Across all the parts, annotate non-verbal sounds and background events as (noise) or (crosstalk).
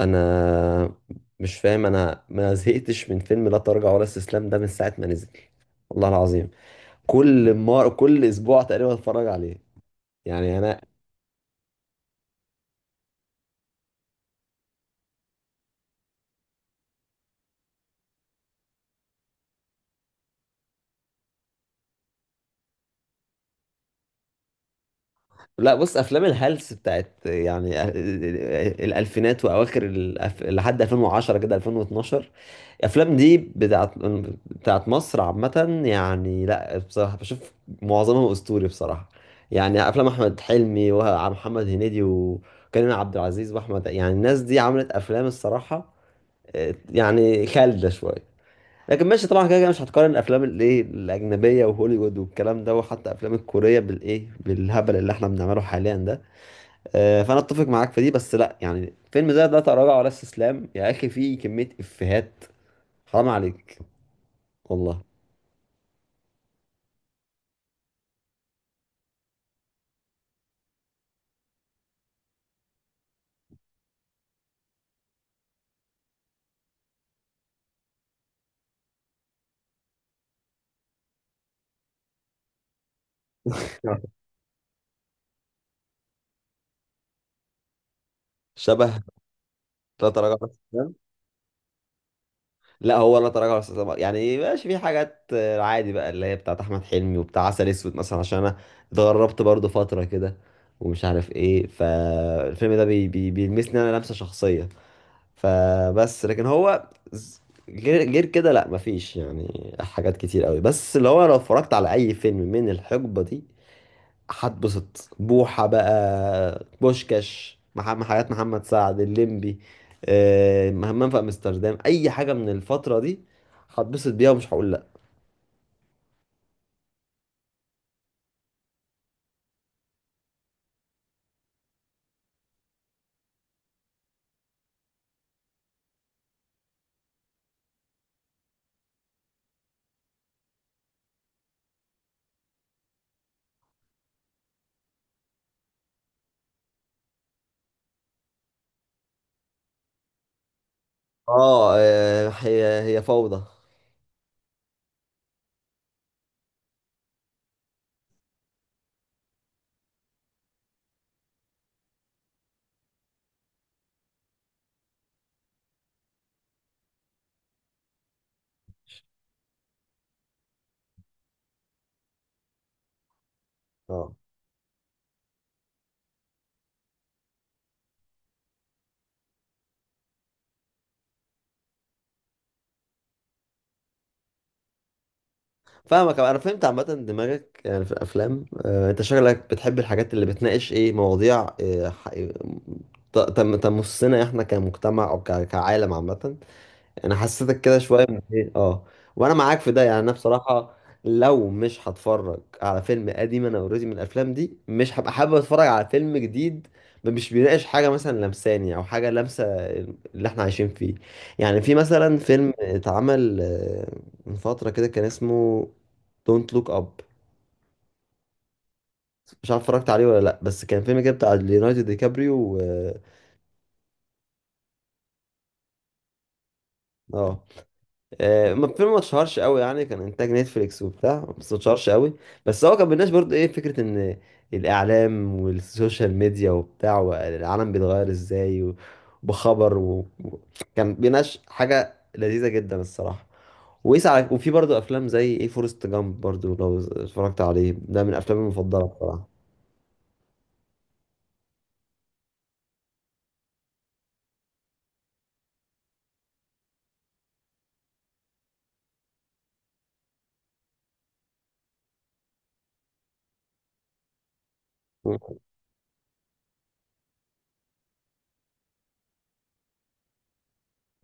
انا مش فاهم، انا ما زهقتش من فيلم لا تراجع ولا استسلام ده من ساعه ما نزل والله العظيم. كل مار كل اسبوع تقريبا اتفرج عليه. يعني انا لا بص، افلام الهلس بتاعت يعني الالفينات واواخر لحد 2010 كده 2012. الافلام دي بتاعت مصر عامه. يعني لا بصراحه بشوف معظمها اسطوري بصراحه. يعني افلام احمد حلمي ومحمد هنيدي وكريم عبد العزيز واحمد، يعني الناس دي عملت افلام الصراحه يعني خالده شويه. لكن ماشي طبعا، كده كده مش هتقارن الافلام الايه الاجنبيه وهوليوود والكلام ده وحتى افلام الكوريه بالايه بالهبل اللي احنا بنعمله حاليا ده. فانا اتفق معاك في دي، بس لا، يعني فيلم زي ده تراجع ولا استسلام يا اخي فيه كميه افيهات حرام عليك والله. شبه. لا تراجع ولا استسلام. لا، هو لا تراجع ولا استسلام يعني ماشي، في حاجات عادي بقى اللي هي بتاعت احمد حلمي، وبتاع عسل اسود مثلا عشان انا اتغربت برضو فتره كده ومش عارف ايه، فالفيلم ده بي بي بيلمسني انا لمسه شخصيه. فبس، لكن غير غير كده لا مفيش يعني حاجات كتير قوي. بس اللي هو لو اتفرجت على اي فيلم من الحقبه دي هتبسط. بوحه بقى، بوشكاش محمد، حاجات محمد سعد، الليمبي، همام في امستردام، اي حاجه من الفتره دي هتبسط بيها ومش هقول لا. اه، آه، هي فوضى. اه فاهمك، انا فهمت عامه دماغك يعني في الافلام. انت شغلك بتحب الحاجات اللي بتناقش ايه مواضيع تمسنا احنا كمجتمع او كعالم عامه. انا حسيتك كده شويه من ايه، اه. وانا معاك في ده، يعني انا بصراحه لو مش هتفرج على فيلم قديم، انا اوريدي من الافلام دي مش هبقى حابب اتفرج على فيلم جديد مش بيناقش حاجه مثلا لمساني او حاجه لامسه اللي احنا عايشين فيه. يعني في مثلا فيلم اتعمل من فتره كده كان اسمه دونت لوك اب. مش عارف اتفرجت عليه ولا لا، بس كان فيلم كده بتاع ليوناردو دي كابريو. اه، ما الفيلم ما اتشهرش قوي يعني، كان انتاج نتفليكس وبتاع، بس ما اتشهرش قوي. بس هو كان بالناس برضه ايه، فكره ان الاعلام والسوشيال ميديا وبتاع والعالم بيتغير ازاي، وبخبر و... و- كان بيناقش حاجه لذيذه جدا الصراحه. ويسعى. وفي برضه افلام زي ايه، فورست جامب برضه لو اتفرجت عليه، ده من افلامي المفضله بصراحه.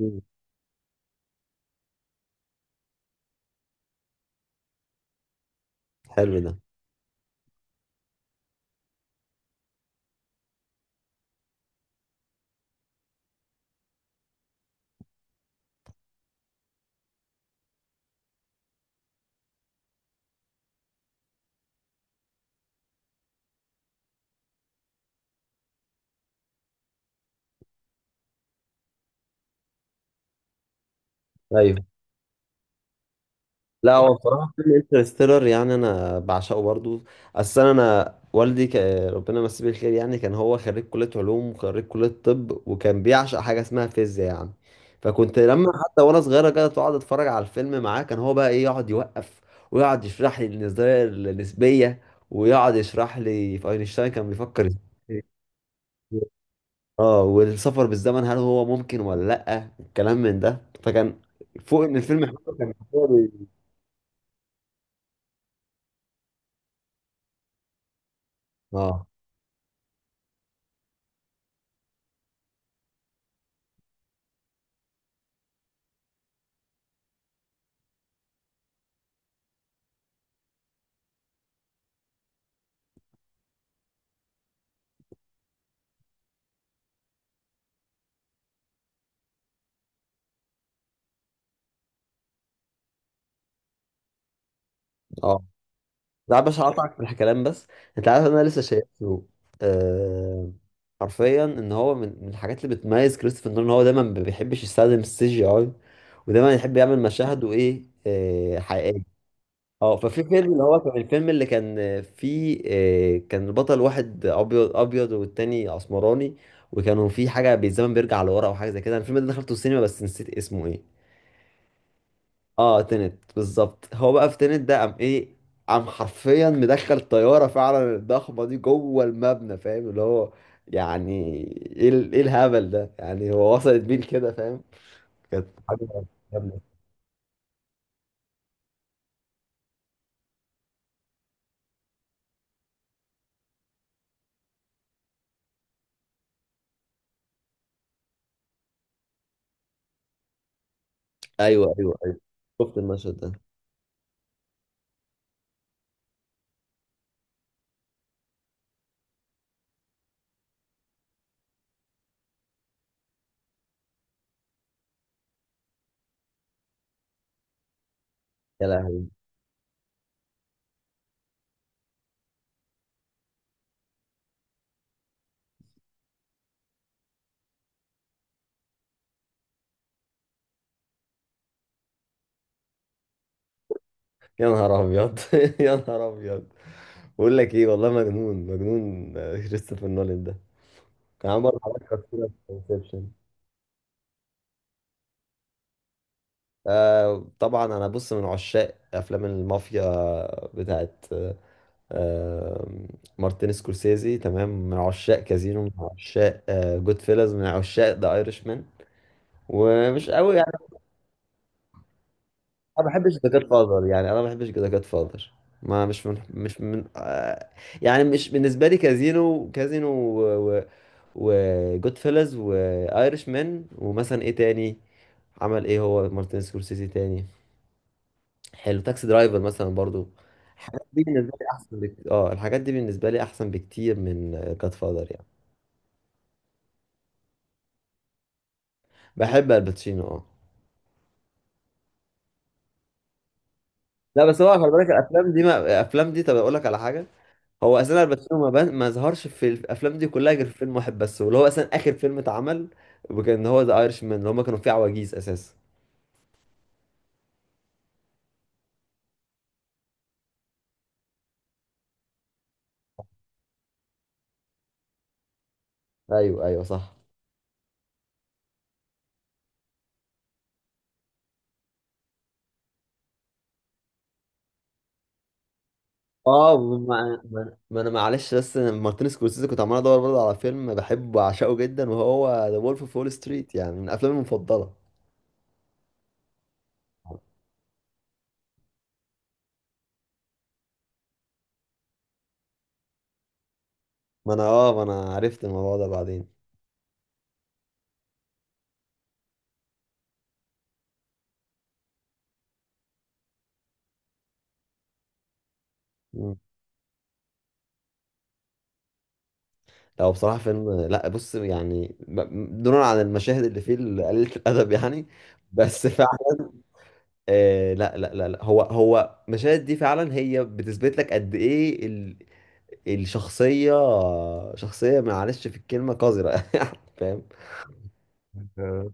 مم. حلو ده. ايوه لا، هو بصراحة فيلم انترستيلر يعني أنا بعشقه برضو. أصل أنا والدي، ربنا يمسيه بالخير، يعني كان هو خريج كلية علوم وخريج كلية طب، وكان بيعشق حاجة اسمها فيزياء يعني. فكنت لما حتى وأنا صغيرة كده أقعد أتفرج على الفيلم معاه، كان هو بقى إيه يقعد يوقف ويقعد يشرح لي النظرية النسبية ويقعد يشرح لي في أينشتاين كان بيفكر ازاي، اه، والسفر بالزمن هل هو ممكن ولا لأ، الكلام من ده. فكان فوق إن الفيلم حلو، كان اه. اه لا باش، هقطعك في الكلام بس. انت عارف انا لسه شايفه آه... حرفيا ان هو من من الحاجات اللي بتميز كريستوفر نولان ان هو دايما ما بيحبش يستخدم السي جي اي ودايما يحب يعمل مشاهد وايه حقيقيه. اه، ففي فيلم اللي هو كان الفيلم اللي كان فيه كان البطل واحد ابيض والتاني اسمراني، وكانوا في حاجه بالزمن بيرجع لورا او حاجه زي كده. أنا الفيلم ده دخلته السينما بس نسيت اسمه ايه. اه تنت، بالظبط. هو بقى في تنت ده قام ايه، قام حرفيا مدخل طياره فعلا الضخمه دي جوه المبنى، فاهم اللي هو يعني، ايه الهبل ده يعني، هو وصلت بيه كده فاهم، كانت حاجه جامدة. ايوه، ايوه، ايوه، شفت المشهد ده. يا لهوي، يا نهار ابيض (laughs) يا نهار ابيض. بقول لك ايه والله، مجنون مجنون كريستوفر نولان ده. كان عامل برضه حاجات كتيرة في انسبشن. آه طبعا، انا بص من عشاق افلام المافيا بتاعت آم، مارتن سكورسيزي، تمام، من عشاق كازينو، من عشاق جود فيلز، من عشاق ذا ايرش مان. ومش قوي يعني، ما بحبش ذا جاد فاذر، يعني انا ما بحبش ذا جاد فاذر. ما مش من مش من آه، يعني مش بالنسبه لي. كازينو، كازينو، وجود فيلز، وايرش مان، ومثلا ايه تاني عمل، ايه هو مارتن سكورسيزي تاني، حلو. تاكسي درايفر مثلا برضو. الحاجات دي بالنسبه لي احسن بكتير، اه، الحاجات دي بالنسبه لي احسن بكتير من جاد فاذر يعني. بحب الباتشينو، اه. لا بس هو خلي بالك الافلام دي، ما الافلام دي، طب اقول لك على حاجه. هو اساسا الباتشينو ما ظهرش في الافلام دي كلها غير في فيلم واحد بس، واللي هو اساسا اخر فيلم اتعمل، وكان هو ذا ايرش مان اللي هم كانوا فيه عواجيز اساسا. ايوه، ايوه، صح. اه ما انا معلش، بس أنا مارتن سكورسيزي كنت عمال ادور برضه على فيلم بحبه وعشقه جدا، وهو ذا وولف اوف وول ستريت، يعني من افلامي المفضله. ما انا اه، ما انا عرفت الموضوع ده بعدين. لا هو بصراحة فيلم، لا بص، يعني دونا عن المشاهد اللي فيه قليلة الأدب يعني، بس فعلا. آه لا هو هو المشاهد دي فعلا هي بتثبت لك قد إيه الشخصية. شخصية، معلش في الكلمة، قذرة (laughs) يعني فاهم. أنت-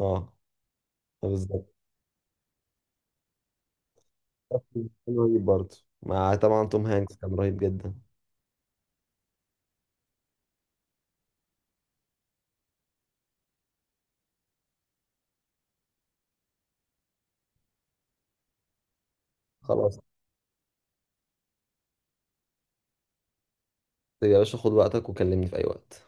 اه بالظبط. كان رهيب برضه، مع طبعا توم هانكس كان رهيب جدا. خلاص يا باشا، خد وقتك وكلمني في أي وقت.